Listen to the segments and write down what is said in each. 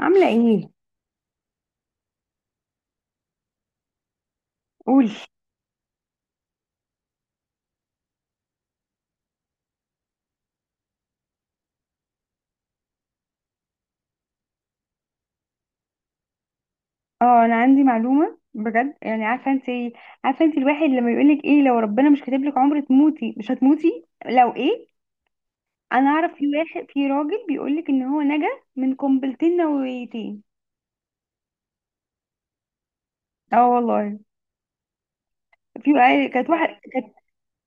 عاملة ايه؟ قولي. اه انا عندي معلومة بجد. يعني عارفة انت، عارفة انت الواحد لما يقولك ايه؟ لو ربنا مش كاتب لك عمر تموتي مش هتموتي، لو ايه؟ انا اعرف في واحد، في راجل بيقولك ان هو نجا من قنبلتين نوويتين. اه والله. في كانت واحدة كانت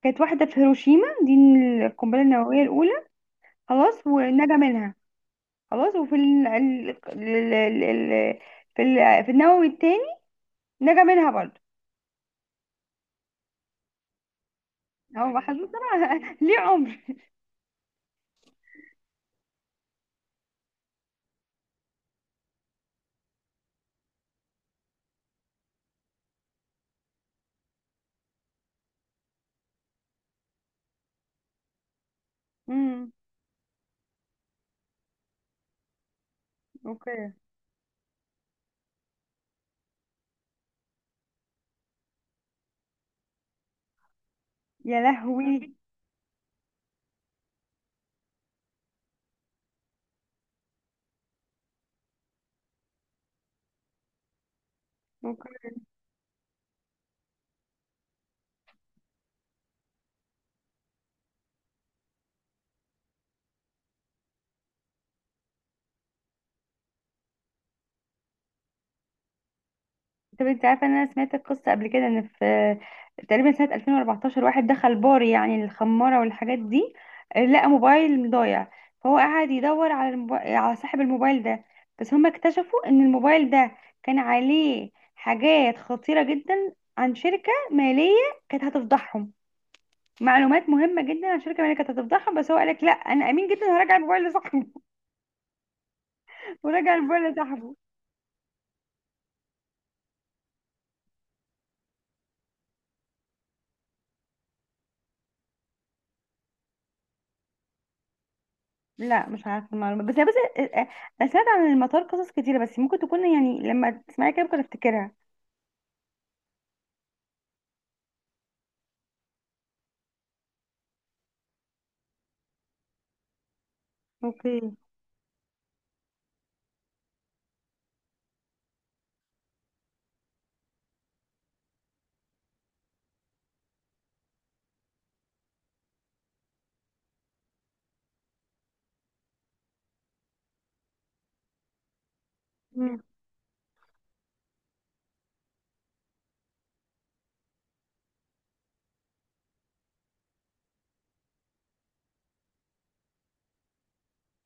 كانت واحدة في هيروشيما دي، القنبلة النووية الأولى. خلاص ونجا منها. خلاص، وفي في النووي التاني، نجا منها برضه. هو محظوظ طبعا ليه عمر. مم. اوكي. يا لهوي. اوكي. طب انت عارفه ان انا سمعت القصه قبل كده؟ ان في تقريبا سنه 2014 واحد دخل بار يعني الخماره والحاجات دي، لقى موبايل ضايع. فهو قعد يدور على صاحب الموبايل ده. بس هم اكتشفوا ان الموبايل ده كان عليه حاجات خطيره جدا عن شركه ماليه كانت هتفضحهم. معلومات مهمه جدا عن شركه ماليه كانت هتفضحهم. بس هو قالك لا انا امين جدا، هراجع الموبايل لصاحبه. ورجع الموبايل لصاحبه. لا مش عارفه المعلومه، بس بس انا سمعت عن المطار قصص كتيره، بس ممكن تكون يعني لما تسمعي كده ممكن افتكرها. اوكي. مم.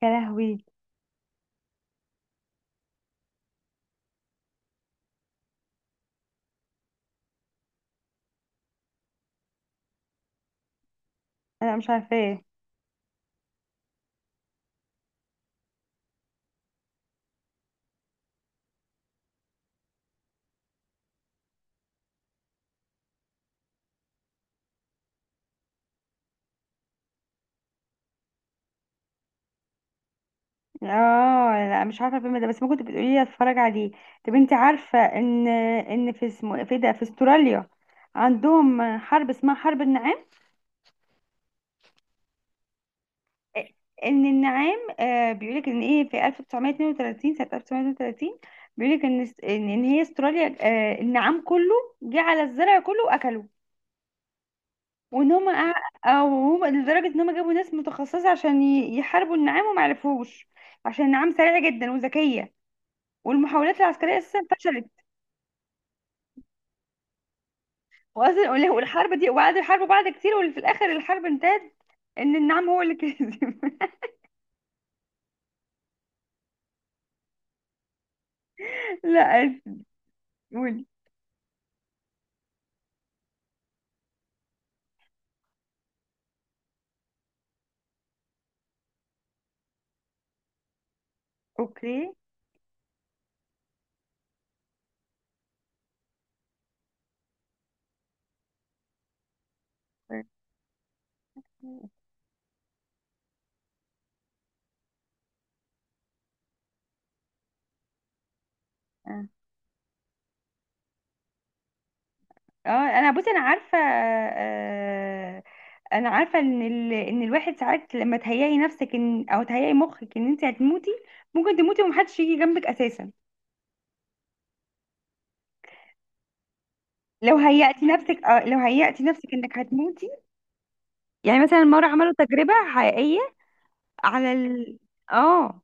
يا لهوي. انا مش عارفاه. اه لا مش عارفه الفيلم ده، بس ممكن تبقي تقولي لي اتفرج عليه. طب انت عارفه ان في استراليا عندهم حرب اسمها حرب النعام. ان النعام، آه بيقولك ان ايه، في 1932، سنه 1932، بيقولك ان ان هي استراليا، آه النعام كله جه على الزرع كله واكله. وان هم أع... او هم لدرجه ان هم جابوا ناس متخصصه عشان يحاربوا النعام وما عرفوش، عشان النعام سريعه جدا وذكيه، والمحاولات العسكريه اساسا فشلت. واصلا والحرب دي وقعدوا يحاربوا بعض كتير، وفي الاخر الحرب انتهت ان النعام هو اللي كسب. لا، قولي. اوكي. اه انا بصي، انا عارفه آه، انا عارفه ان الواحد ساعات لما تهيئي نفسك ان، او تهيئي مخك ان انت هتموتي، ممكن تموتي ومحدش يجي جنبك اساسا. لو هيأتي نفسك، اه لو هيأتي نفسك انك هتموتي. يعني مثلا مرة عملوا تجربة حقيقية على ال، اه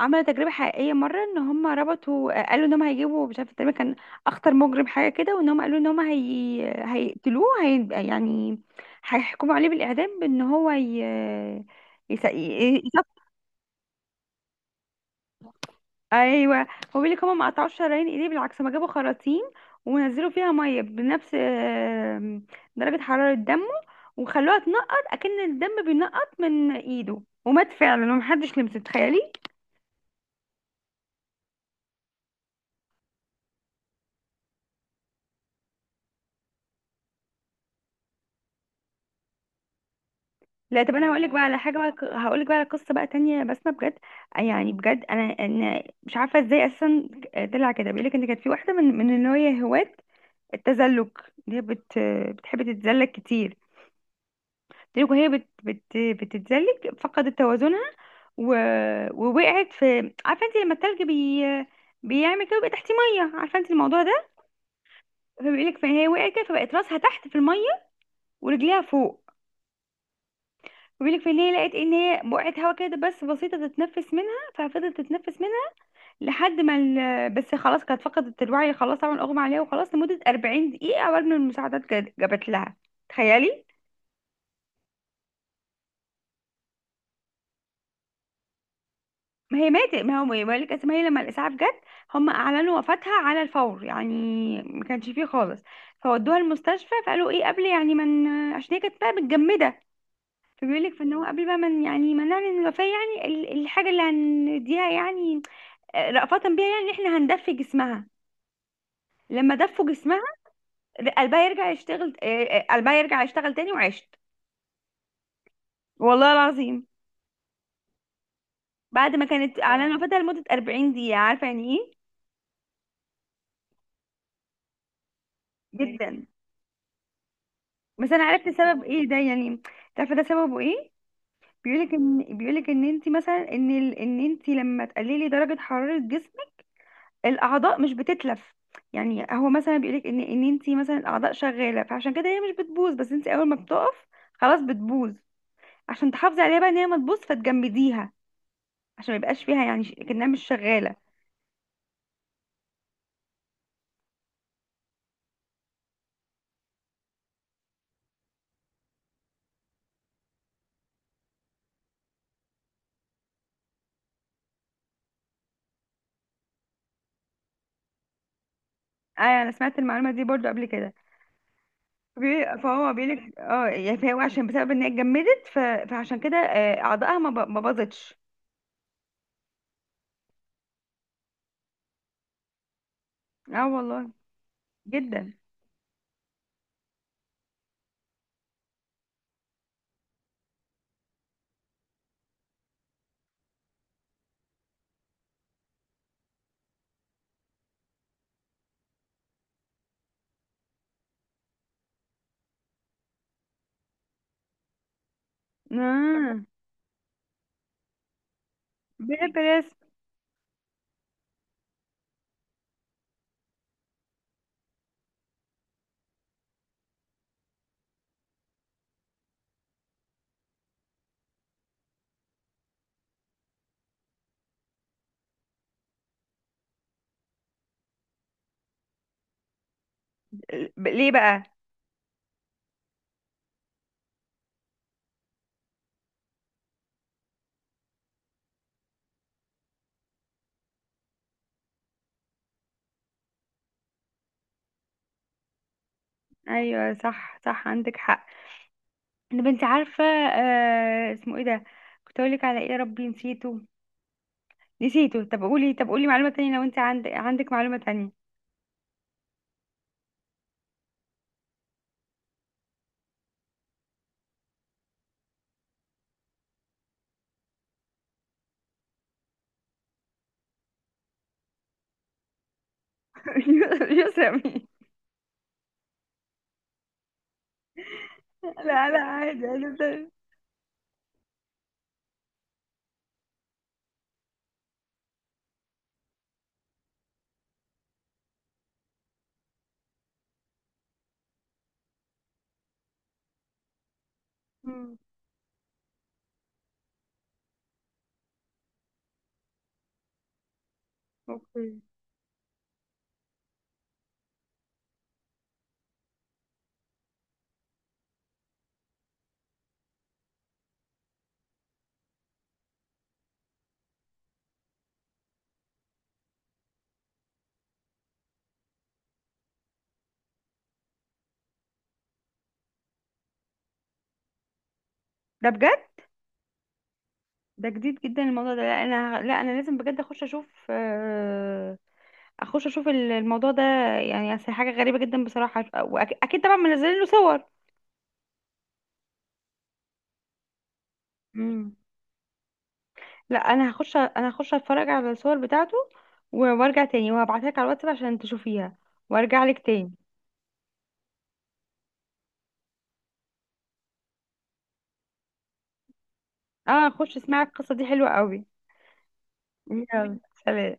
عملوا تجربة حقيقية مرة ان هم ربطوا، قالوا ان هم هيجيبوا مش عارفة تقريبا كان اخطر مجرم حاجة كده، وان هم قالوا ان هم هيقتلوه، يعني هيحكموا عليه بالإعدام، بان هو يس... ايوه هو بيقول لك هما ما قطعوش شرايين ايديه، بالعكس ما جابوا خراطيم ونزلوا فيها ميه بنفس درجه حراره دمه، وخلوها تنقط اكن الدم بينقط من ايده، ومات فعلا ومحدش لمسه، تخيلي. لا طب انا هقول لك بقى على حاجه، بقى هقول لك بقى على قصه بقى تانية بسمه بجد. يعني بجد انا، انا مش عارفه ازاي اساسا طلع كده. بيقول لك ان كانت في واحده من اللي هي هواة التزلج، اللي هي بتحب تتزلج كتير. تلك وهي بت بت بتتزلج فقدت توازنها، و... ووقعت في، عارفه انت لما التلج بيعمل كده ويبقى تحت ميه، عارفه انت الموضوع ده؟ فبيقول لك فهي وقعت كده، فبقت راسها تحت في الميه ورجليها فوق. بيقول لك فان هي لقت ان هي بقعت هوا كده بس بسيطه تتنفس منها، ففضلت تتنفس منها لحد ما بس خلاص كانت فقدت الوعي، خلاص طبعا اغمى عليها وخلاص لمده 40 دقيقه قبل ما المساعدات جابت لها. تخيلي. ما هي ماتت، ما هو بقول لك اسمها هي، لما الاسعاف جت هم اعلنوا وفاتها على الفور يعني، ما كانش فيه خالص. فودوها المستشفى فقالوا ايه، قبل يعني من، عشان هي كانت بقى متجمده، فبيقول لك ان هو قبل بقى من يعني ما نعلن الوفاه، يعني الحاجه اللي هنديها يعني رأفة بيها، يعني ان احنا هندفي جسمها. لما دفوا جسمها، قلبها يرجع يشتغل، قلبها يرجع يشتغل تاني وعشت، والله العظيم. بعد ما كانت اعلنوا اه وفاتها لمده 40 دقيقه، عارفه يعني ايه؟ جدا. بس انا عرفت سبب ايه ده يعني، عارفه ده سببه ايه؟ بيقولك ان انت مثلا ان انت لما تقللي درجه حراره جسمك، الاعضاء مش بتتلف. يعني هو مثلا بيقولك ان انت مثلا الاعضاء شغاله، فعشان كده هي مش بتبوظ. بس انت اول ما بتقف خلاص بتبوظ. عشان تحافظي عليها بقى ان هي ما تبوظ فتجمديها، عشان ما يبقاش فيها يعني كأنها مش شغاله. ايوه انا سمعت المعلومه دي برضو قبل كده. فهو بيقولك اه يعني فهو عشان بسبب ان هي اتجمدت فعشان كده اعضائها ما باظتش. اه والله. جدا. آه. بحب الرسم. ليه بقى؟ ايوه صح صح عندك حق. طب انت عارفه آه اسمه ايه ده، كنت اقول لك على ايه، يا ربي نسيته، نسيته. طب قولي، طب قولي معلومه تانية لو انت عندك، عندك معلومه تانية. يسامي. لا لا عادي عادي ده. مم. اوكي. ده بجد؟ ده جديد جدا الموضوع ده. لا انا، لا انا لازم بجد اخش اشوف، اخش اشوف الموضوع ده. يعني أصل حاجه غريبه جدا بصراحه، واكيد طبعا منزلين له صور. لا انا هخش، انا هخش اتفرج على الصور بتاعته، وارجع تاني وهبعتها لك على الواتساب عشان تشوفيها، وارجع لك تاني. اه خش اسمعي القصة دي حلوة قوي. يلا. سلام.